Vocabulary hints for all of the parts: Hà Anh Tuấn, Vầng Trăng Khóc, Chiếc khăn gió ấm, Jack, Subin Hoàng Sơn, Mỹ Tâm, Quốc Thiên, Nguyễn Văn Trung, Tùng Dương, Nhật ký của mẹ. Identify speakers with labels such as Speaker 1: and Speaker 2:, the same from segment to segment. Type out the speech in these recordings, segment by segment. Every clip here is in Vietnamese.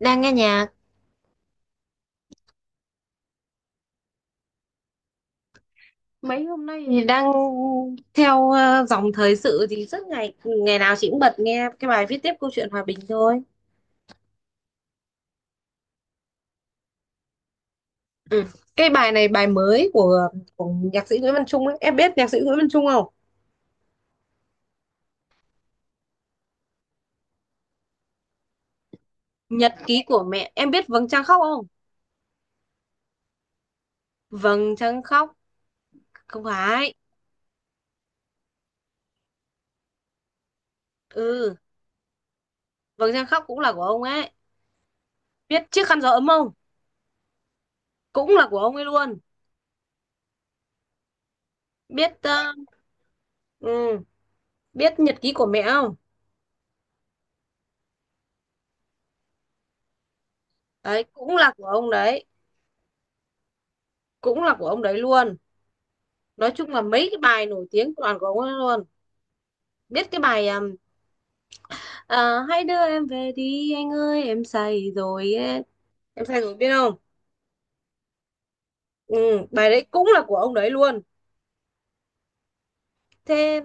Speaker 1: Đang nghe nhạc. Mấy hôm nay thì đang theo dòng thời sự thì rất ngày ngày nào chị cũng bật nghe cái bài Viết tiếp câu chuyện hòa bình thôi. Ừ. Cái bài này bài mới của nhạc sĩ Nguyễn Văn Trung ấy. Em biết nhạc sĩ Nguyễn Văn Trung không? Nhật ký của mẹ. Em biết Vầng Trăng Khóc không? Vầng Trăng Khóc không phải. Ừ, Vầng Trăng Khóc cũng là của ông ấy. Biết Chiếc khăn gió ấm không? Cũng là của ông ấy luôn. Biết ừ, biết Nhật ký của mẹ không? Đấy cũng là của ông đấy. Cũng là của ông đấy luôn. Nói chung là mấy cái bài nổi tiếng toàn của ông ấy luôn. Biết cái bài à, hãy đưa em về đi anh ơi em say rồi ấy. Em say rồi biết không? Ừ, bài đấy cũng là của ông đấy luôn. Thế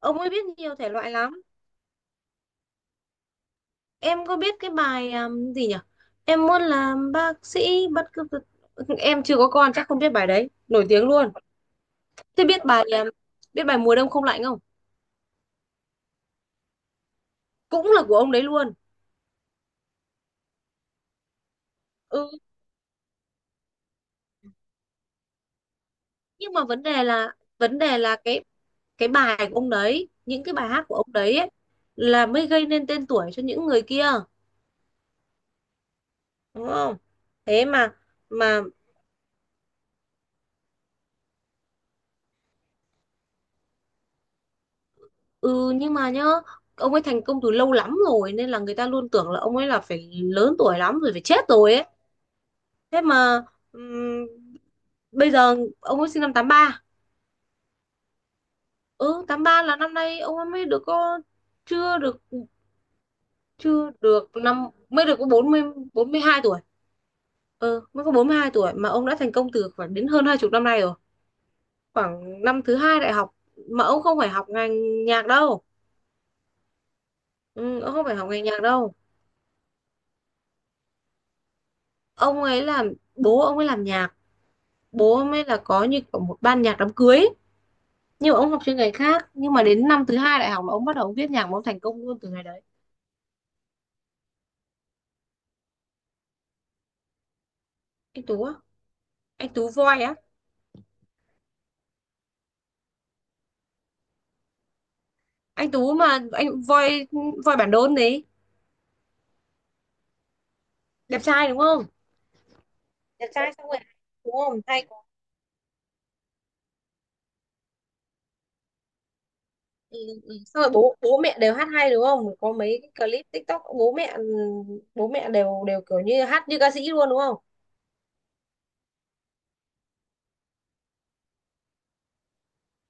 Speaker 1: ông ấy biết nhiều thể loại lắm. Em có biết cái bài gì nhỉ? Em muốn làm bác sĩ bất cứ. Em chưa có con chắc không biết bài đấy nổi tiếng luôn. Thế biết bài mùa đông không lạnh không? Cũng là của ông đấy luôn. Ừ nhưng mà vấn đề là cái bài của ông đấy, những cái bài hát của ông đấy ấy, là mới gây nên tên tuổi cho những người kia, đúng không? Thế mà, mà ừ, nhưng mà nhá. Ông ấy thành công từ lâu lắm rồi nên là người ta luôn tưởng là ông ấy là phải lớn tuổi lắm rồi, phải chết rồi ấy. Thế mà ừm, bây giờ ông ấy sinh năm 83. Ừ, 83 là năm nay ông ấy mới được có, chưa được, chưa được năm mới được có bốn 40, 42 tuổi. Ừ, mới có 42 tuổi mà ông đã thành công từ khoảng đến hơn hai chục năm nay rồi. Khoảng năm thứ hai đại học, mà ông không phải học ngành nhạc đâu. Ừ, ông không phải học ngành nhạc đâu. Ông ấy làm bố ông ấy làm nhạc. Bố ông ấy là có như kiểu một ban nhạc đám cưới ấy. Nhưng mà ông học chuyên ngành khác, nhưng mà đến năm thứ hai đại học là ông bắt đầu viết nhạc mà ông thành công luôn từ ngày đấy. Anh Tú á? Anh Tú voi á. Anh Tú mà, anh voi. Voi Bản Đôn đấy. Đẹp trai đúng không? Đẹp trai xong rồi, đúng không hay có. Ừ, ừ. Xong rồi bố bố mẹ đều hát hay đúng không, có mấy cái clip TikTok bố mẹ, đều đều kiểu như hát như ca sĩ luôn đúng không?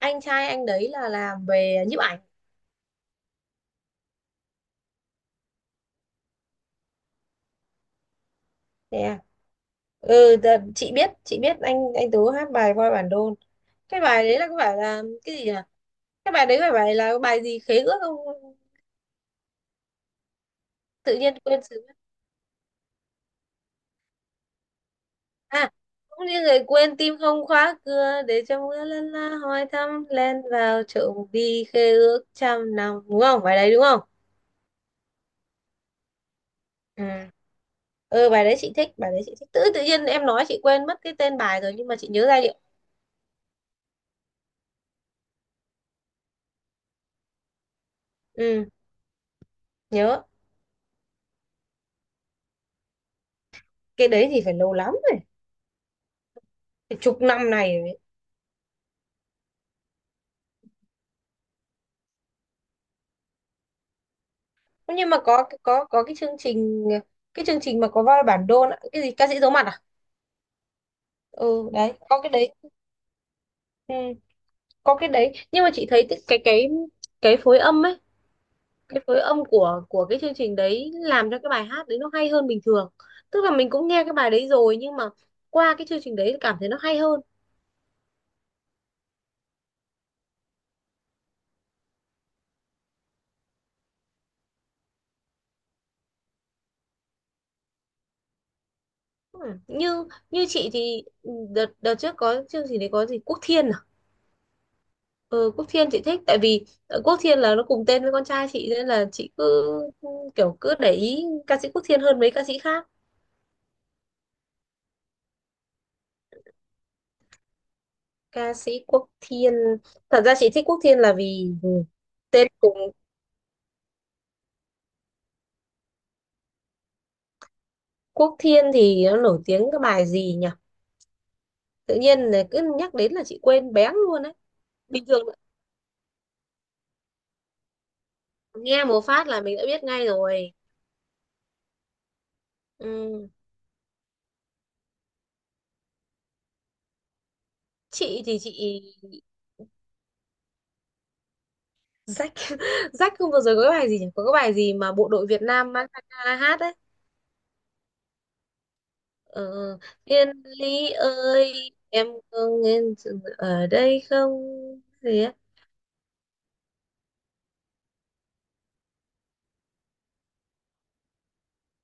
Speaker 1: Anh trai anh đấy là làm về nhiếp ảnh. Nè, ừ, chị biết, anh Tú hát bài Voi Bản Đôn. Cái bài đấy là có phải là cái gì nhỉ? Cái bài đấy phải bài là bài gì khế ước không? Tự nhiên quên. À, cũng như người quên tim không khóa cửa để cho mưa lân la hỏi thăm len vào trộm đi khê ước trăm năm, đúng không? Bài đấy đúng không? Ừ. Ừ, bài đấy chị thích, tự tự nhiên em nói chị quên mất cái tên bài rồi nhưng mà chị nhớ giai điệu. Ừ nhớ. Cái đấy thì phải lâu lắm rồi, phải chục năm này rồi. Đấy. Nhưng mà có cái chương trình, mà có vào bản đô nữa. Cái gì ca sĩ giấu mặt à? Ừ đấy có cái đấy. Ừ, có cái đấy nhưng mà chị thấy cái phối âm ấy, cái phối âm của cái chương trình đấy làm cho cái bài hát đấy nó hay hơn bình thường. Tức là mình cũng nghe cái bài đấy rồi nhưng mà qua cái chương trình đấy cảm thấy nó hay hơn. Ừ. như như chị thì đợt đợt trước có chương trình đấy có gì Quốc Thiên à. Ừ, Quốc Thiên chị thích tại vì Quốc Thiên là nó cùng tên với con trai chị nên là chị cứ, ừ, kiểu cứ để ý ca sĩ Quốc Thiên hơn mấy ca sĩ khác. Ca sĩ Quốc Thiên, thật ra chị thích Quốc Thiên là vì tên cùng. Quốc Thiên thì nó nổi tiếng cái bài gì nhỉ? Tự nhiên là cứ nhắc đến là chị quên béng luôn đấy. Bình thường nghe một phát là mình đã biết ngay rồi. Ừ. Chị thì chị, rách. Rách không, vừa rồi có cái bài gì nhỉ, có cái bài gì mà bộ đội Việt Nam mang ra hát đấy? ờ, Thiên Lý ơi em có nghe sự ở đây không, gì á.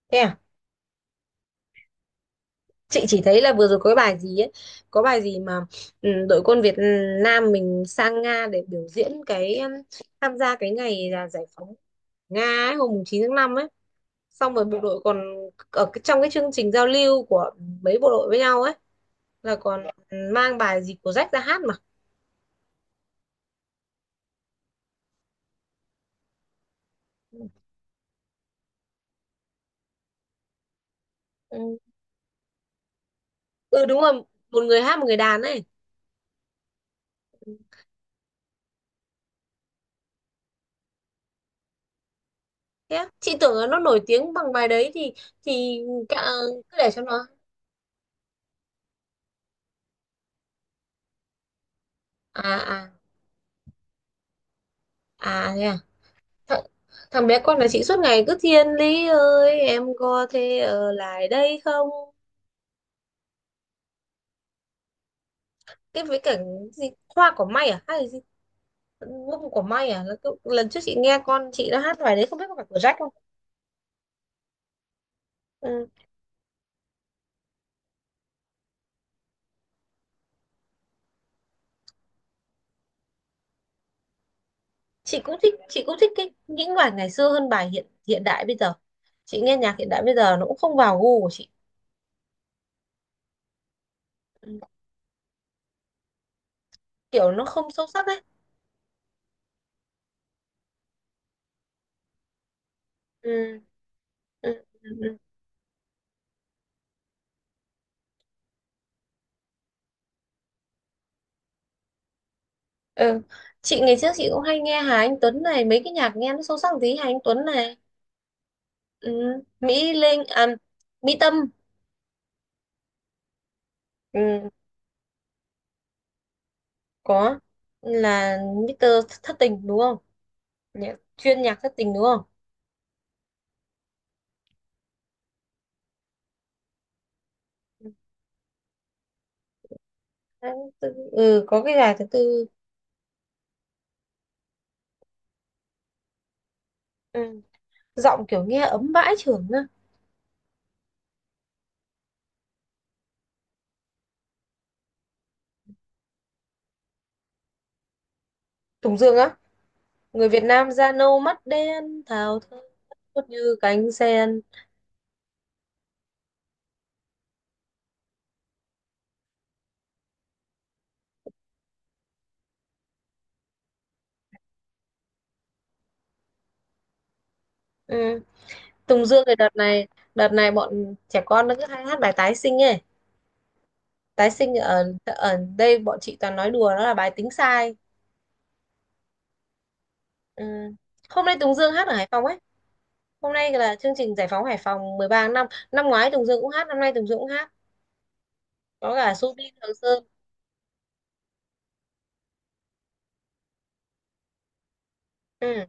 Speaker 1: Thế à? Chị chỉ thấy là vừa rồi có cái bài gì ấy, có bài gì mà, ừ, đội quân Việt Nam mình sang Nga để biểu diễn cái tham gia cái ngày là giải phóng Nga ấy, hôm mùng 9 tháng 5 ấy. Xong rồi bộ đội còn trong cái chương trình giao lưu của mấy bộ đội với nhau ấy, là còn mang bài gì của Jack ra hát mà. Ừ. Ừ đúng rồi, một người hát một người đàn ấy. Thế á? Chị tưởng là nó nổi tiếng bằng bài đấy thì, thì cả, cứ để cho nó. À, à, à thế à. thằng, thằng bé con là chị suốt ngày cứ Thiên Lý ơi em có thể ở lại đây không. Cái với cả gì hoa cỏ may à hay là gì, Gu của May à? Là cái, lần trước chị nghe con chị đã hát bài đấy không biết có phải của Jack không? Ừ. Chị cũng thích, cái những bài ngày xưa hơn bài hiện hiện đại bây giờ. Chị nghe nhạc hiện đại bây giờ nó cũng không vào gu của chị. Ừ. Kiểu nó không sâu sắc ấy. Ừ. Ừ. Ừ. Ừ. Ừ. Chị ngày trước chị cũng hay nghe Hà Anh Tuấn này, mấy cái nhạc nghe nó sâu sắc một tí Hà Anh Tuấn này. Ừ. Mỹ Linh à, Mỹ Tâm. Ừ. Có, là Mr. Thất Tình đúng không? Nhạc, chuyên nhạc thất tình đúng không? Đấy, ừ có cái gà thứ tư. Ừ, giọng kiểu nghe ấm bãi trưởng á. Tùng Dương á. Người Việt Nam da nâu mắt đen thao thơ, phất như cánh sen. Ừ. Tùng Dương thì đợt này bọn trẻ con nó cứ hay hát bài tái sinh ấy. Tái sinh, ở ở đây bọn chị toàn nói đùa nó là bài tính sai. Ừ. Hôm nay Tùng Dương hát ở Hải Phòng ấy. Hôm nay là chương trình Giải phóng Hải Phòng 13 tháng năm, năm ngoái Tùng Dương cũng hát, năm nay Tùng Dương cũng hát, có cả Subin Hoàng Sơn. Ừ.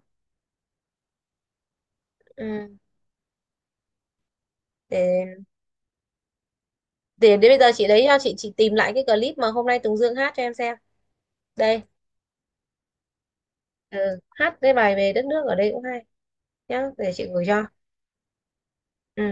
Speaker 1: Ừ. để Để đến bây giờ chị đấy, chị tìm lại cái clip mà hôm nay Tùng Dương hát cho em xem. Đây, ừ, hát cái bài về đất nước ở đây cũng hay nhá, để chị gửi cho. Ừ.